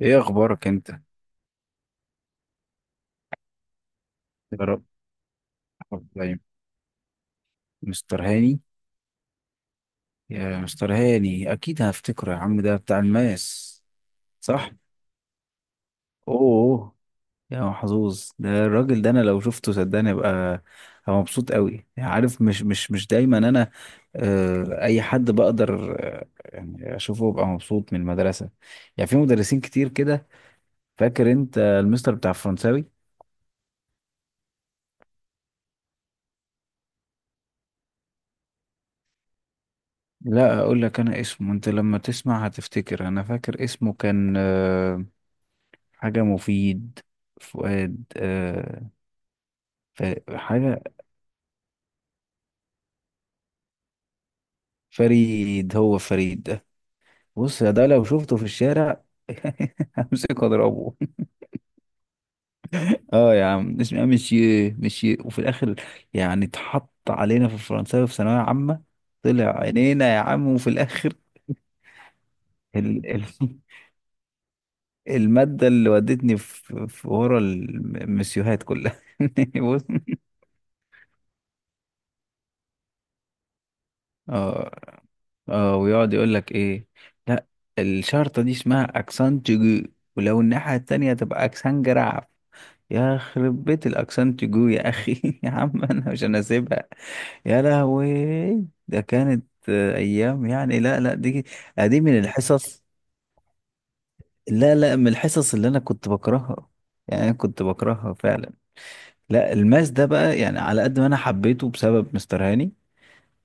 ايه اخبارك انت؟ يا رب. دايما. مستر هاني. يا مستر هاني اكيد هفتكره يا عم، ده بتاع الماس. صح. اوه. يا محظوظ، ده الراجل ده، انا لو شفته صدقني أبقى مبسوط قوي، يعني عارف، مش دايما. انا اي حد بقدر يعني اشوفه ابقى مبسوط من المدرسه. يعني في مدرسين كتير كده. فاكر انت المستر بتاع الفرنساوي؟ لا اقول لك انا اسمه، انت لما تسمع هتفتكر. انا فاكر اسمه كان حاجة مفيد. فؤاد ف... حاجة. فريد، هو فريد ده. بص يا ده، لو شفته في الشارع همسكه اضربه. اه يا عم، اسمها مشي مشي وفي الاخر. يعني اتحط علينا في الفرنساوي في ثانوية عامة، طلع عينينا يا عم، وفي الاخر ال... ال... المادة اللي ودتني في ورا المسيوهات كلها. بص. اه. اه، ويقعد يقول لك ايه. لا، الشرطة دي اسمها اكسان تيجو، ولو الناحية التانية تبقى اكسان جراف. يا خرب بيت الاكسان تيجو يا اخي يا عم انا مش انا سيبها. يا لهوي، ده كانت ايام يعني. لا لا، دي دي من الحصص. لا لا، من الحصص اللي انا كنت بكرهها. يعني انا كنت بكرهها فعلا. لا، الماس ده بقى يعني على قد ما انا حبيته بسبب مستر هاني.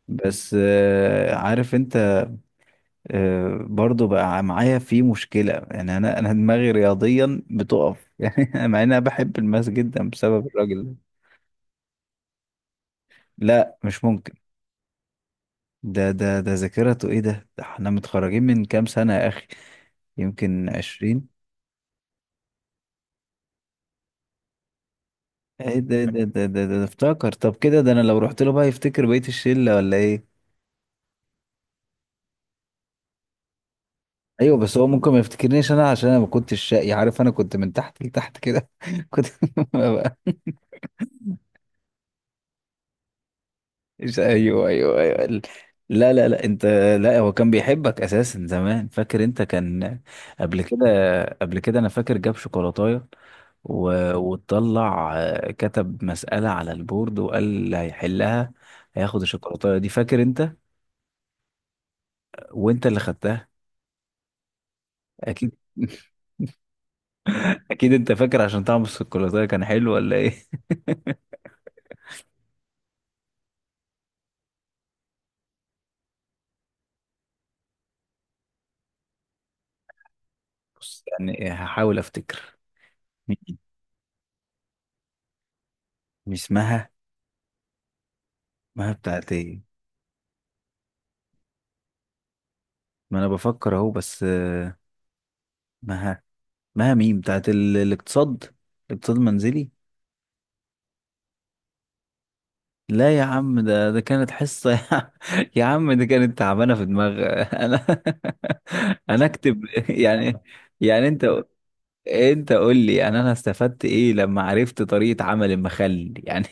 بس عارف انت، برضو بقى معايا في مشكلة، يعني أنا دماغي رياضيا بتقف يعني مع إن أنا بحب الماس جدا بسبب الراجل ده. لا مش ممكن. ده ذاكرته إيه ده؟ ده إحنا متخرجين من كام سنة يا أخي؟ يمكن 20. إيه ده افتكر؟ طب كده، ده أنا لو رحت له بقى يفتكر بقية الشلة ولا إيه؟ أيوه، بس هو ممكن ما يفتكرنيش أنا، عشان أنا ما كنتش شقي، عارف، أنا كنت من تحت لتحت كده كنت. مش. ايوه ايوه ايوه. لا لا لا، انت. لا، هو كان بيحبك اساسا زمان، فاكر انت؟ كان قبل كده. قبل كده انا فاكر جاب شوكولاتايه، وطلع كتب مسألة على البورد، وقال اللي هيحلها هياخد الشوكولاتايه دي، فاكر انت؟ وانت اللي خدتها. اكيد اكيد انت فاكر عشان طعم الشوكولاتايه كان حلو ولا ايه بص، يعني هحاول افتكر. مين؟ مش مها؟ مها بتاعت ايه؟ ما انا بفكر اهو، بس مها. ما مين، بتاعت الاقتصاد؟ اقتصاد منزلي. لا يا عم، ده كانت حصة يا عم يا عم دي كانت تعبانة في دماغ انا. انا اكتب يعني. يعني انت، قول لي، يعني انا استفدت ايه لما عرفت طريقة عمل المخل يعني؟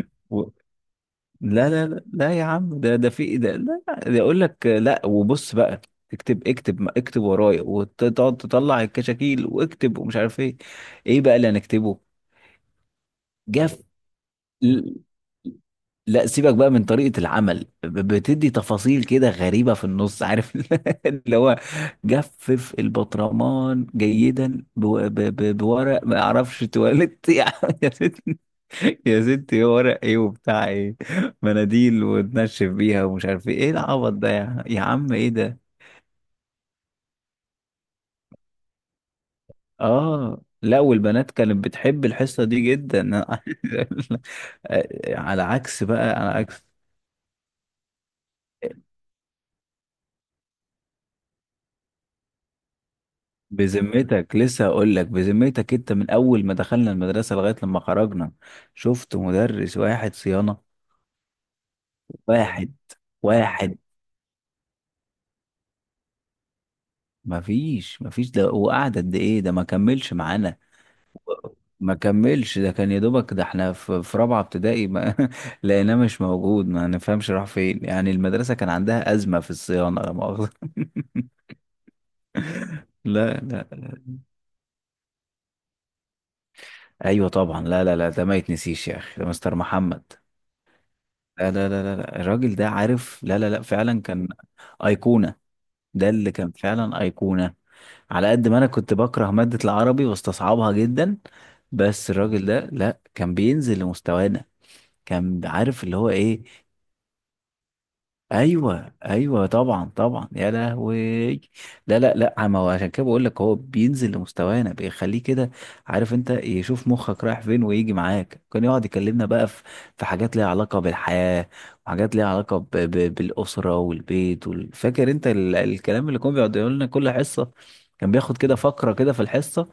و... لا لا لا لا يا عم، ده في، ده لا. ده اقول لك لا، وبص بقى. اكتب اكتب اكتب ورايا، وتقعد تطلع الكشاكيل واكتب، ومش عارف ايه. ايه بقى اللي هنكتبه؟ جاف. ل- لا سيبك بقى من طريقة العمل، بتدي تفاصيل كده غريبة في النص، عارف اللي هو: جفف البطرمان جيدا بورق ما اعرفش تواليت يا ست، يا ستي، ورق ايه وبتاع ايه؟ مناديل وتنشف بيها، ومش عارف ايه العبط ده، يا عم؟ ايه ده. اه لا، والبنات كانت بتحب الحصة دي جدا على عكس بقى، على عكس. بذمتك، لسه هقول لك بذمتك، انت من اول ما دخلنا المدرسه لغايه لما خرجنا، شفت مدرس واحد صيانه؟ واحد. واحد. مفيش ده، وقعد قد ايه ده؟ ما كملش معانا. ما كملش، ده كان يا دوبك ده احنا في رابعه ابتدائي، ما لقيناه مش موجود، ما نفهمش راح فين. يعني المدرسه كان عندها ازمه في الصيانه لا مؤاخذه لا لا. ايوه طبعا، لا لا لا، ده ما يتنسيش يا اخي، ده مستر محمد. لا لا لا لا لا، الراجل ده، عارف، لا لا لا، فعلا كان أيقونة. ده اللي كان فعلا أيقونة. على قد ما أنا كنت بكره مادة العربي واستصعبها جدا، بس الراجل ده لا، كان بينزل لمستوانا. كان عارف اللي هو إيه. ايوه ايوه طبعا طبعا، يا لهوي. لا لا لا، ما هو عشان كده بقول لك، هو بينزل لمستوانا بيخليه كده، عارف انت، يشوف مخك رايح فين ويجي معاك. كان يقعد يكلمنا بقى في حاجات ليها علاقه بالحياه، وحاجات ليها علاقه ب بالاسره والبيت، فاكر انت ال الكلام اللي كان بيقعد يقول لنا كل حصه؟ كان بياخد كده فقره كده في الحصه،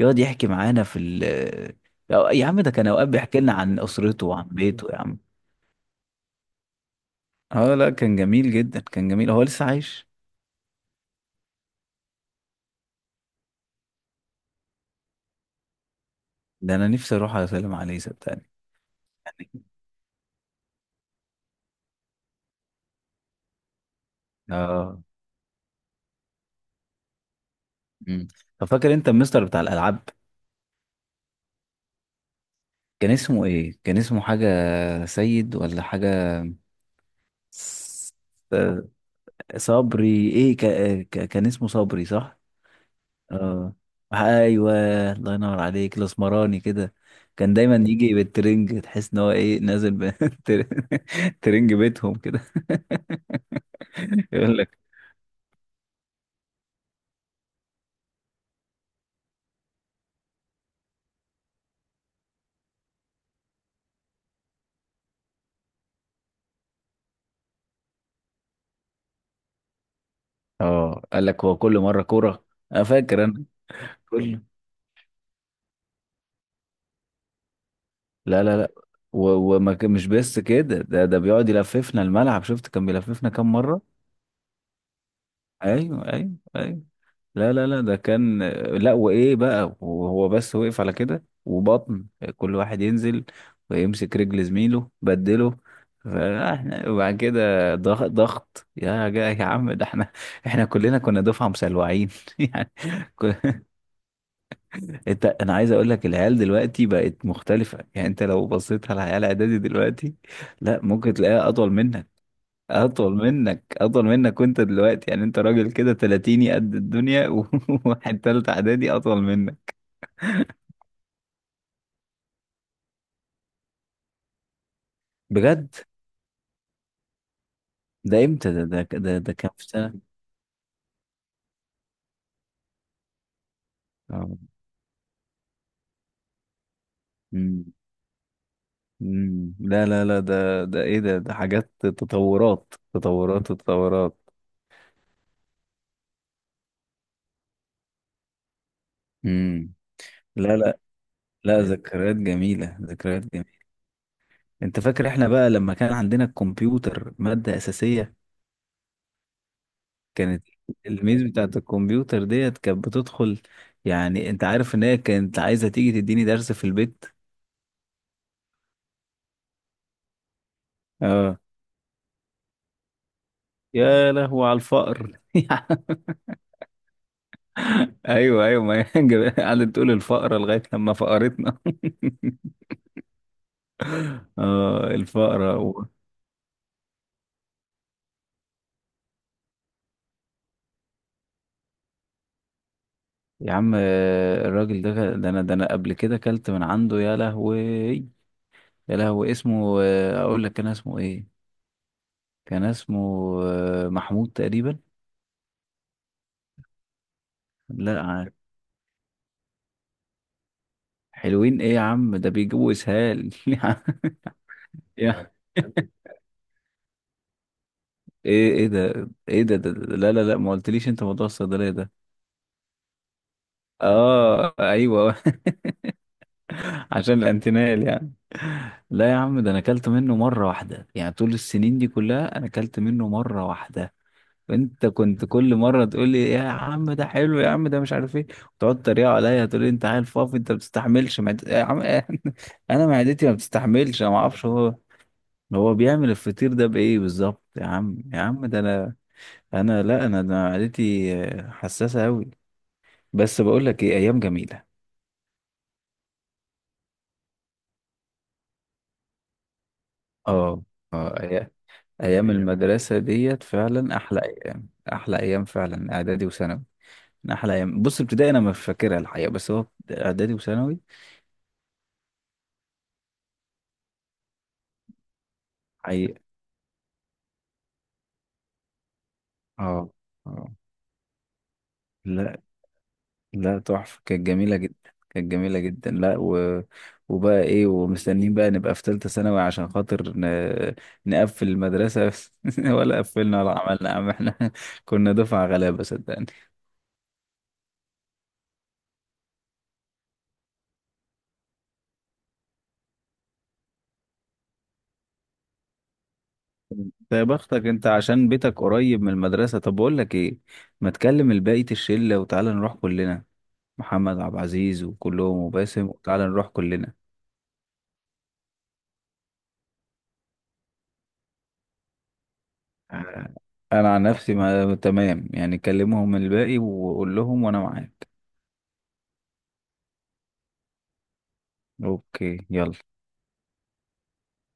يقعد يحكي معانا في ال. يا عم ده كان اوقات بيحكي لنا عن اسرته وعن بيته يا عم. اه لا، كان جميل جدا، كان جميل. هو لسه عايش؟ ده انا نفسي اروح على سلام عليه صدقني. يعني اه. امم. طب فاكر انت المستر بتاع الالعاب؟ كان اسمه ايه؟ كان اسمه حاجه، سيد ولا حاجه. س- صبري، ايه، كان اسمه صبري، صح. اه. ايوه. الله ينور عليك، الاسمراني كده. كان دايما يجي بالترنج، تحس ان هو ايه، نازل بالترنج بيتهم كده. يقول لك. اه، قال لك هو كل مره كوره. انا فاكر انا. كل. لا لا لا، مش بس كده، ده بيقعد يلففنا الملعب، شفت كان بيلففنا كام مرة. ايوه ايوه ايوه. لا لا لا، ده كان. لا وايه بقى، وهو بس وقف على كده وبطن، كل واحد ينزل ويمسك رجل زميله بدله. فاحنا وبعد كده ضغط ضغط، يا جا يا عم، ده احنا، احنا كلنا كنا دفعة مسلوعين يعني. انت، انا عايز اقول لك، العيال دلوقتي بقت مختلفة، يعني انت لو بصيت على عيال اعدادي دلوقتي، لا، ممكن تلاقيها اطول منك، اطول منك، اطول منك. وانت دلوقتي، يعني انت راجل كده تلاتيني قد الدنيا وواحد تالت اعدادي اطول منك. بجد؟ ده امتى ده, كام في سنة؟ اه. مم. مم. لا لا لا، ده ايه ده ده حاجات. تطورات تطورات تطورات. مم. لا لا لا، ذكريات جميلة، ذكريات. انت فاكر احنا بقى لما كان عندنا الكمبيوتر مادة أساسية؟ كانت الميز بتاعت الكمبيوتر ديت كانت بتدخل، يعني انت عارف ان هي كانت عايزة تيجي تديني درس في البيت. اه. يا لهو على الفقر. ايوه ايوه، ما هي قعدت تقول الفقرة لغاية لما فقرتنا. اه، الفقرة يا عم الراجل ده انا قبل كده كلت من عنده، يا لهوي. يا لهوي، اسمه اقول لك كان اسمه ايه. كان اسمه محمود تقريبا. لا حلوين ايه يا عم، ده بيجيبوا اسهال يا ايه ده، ايه ده، لا لا لا، ما قلتليش انت موضوع الصيدليه ده. اه ايوه. عشان الانتينال يعني. لا يا عم، ده انا اكلت منه مره واحده، يعني طول السنين دي كلها انا اكلت منه مره واحده. انت كنت كل مره تقول لي يا عم ده حلو، يا عم ده مش عارف ايه، وتقعد تريق عليا تقول لي انت عيل فاضي، انت ما بتستحملش يا عم انا معدتي ما بتستحملش، انا ما اعرفش هو هو بيعمل الفطير ده بإيه بالظبط. يا عم، يا عم، ده أنا، أنا لا أنا، ده معدتي حساسة أوي. بس بقول لك إيه، أيام جميلة. آه، آه أيام هي. المدرسة ديت فعلا أحلى أيام، أحلى أيام فعلا، إعدادي وثانوي. من أحلى أيام. بص، ابتدائي أنا مش فاكرها الحقيقة، بس هو إعدادي وثانوي. حقيقة. آه، آه. لا لا، تحفة، كانت جميلة جدا. كانت جميلة جدا. لا وبقى ايه، ومستنيين بقى نبقى في تالتة ثانوي عشان خاطر نقفل المدرسة ولا قفلنا ولا عملنا يا عم احنا كنا دفعة غلابة صدقني. يا بختك انت عشان بيتك قريب من المدرسة. طب بقول لك ايه، ما تكلم الباقي الشلة وتعالى نروح كلنا. محمد عبد العزيز وكلهم وباسم، وتعالى نروح كلنا. آه، انا عن نفسي ما... تمام، يعني كلمهم الباقي وقول لهم، وانا معاك. اوكي، يلا.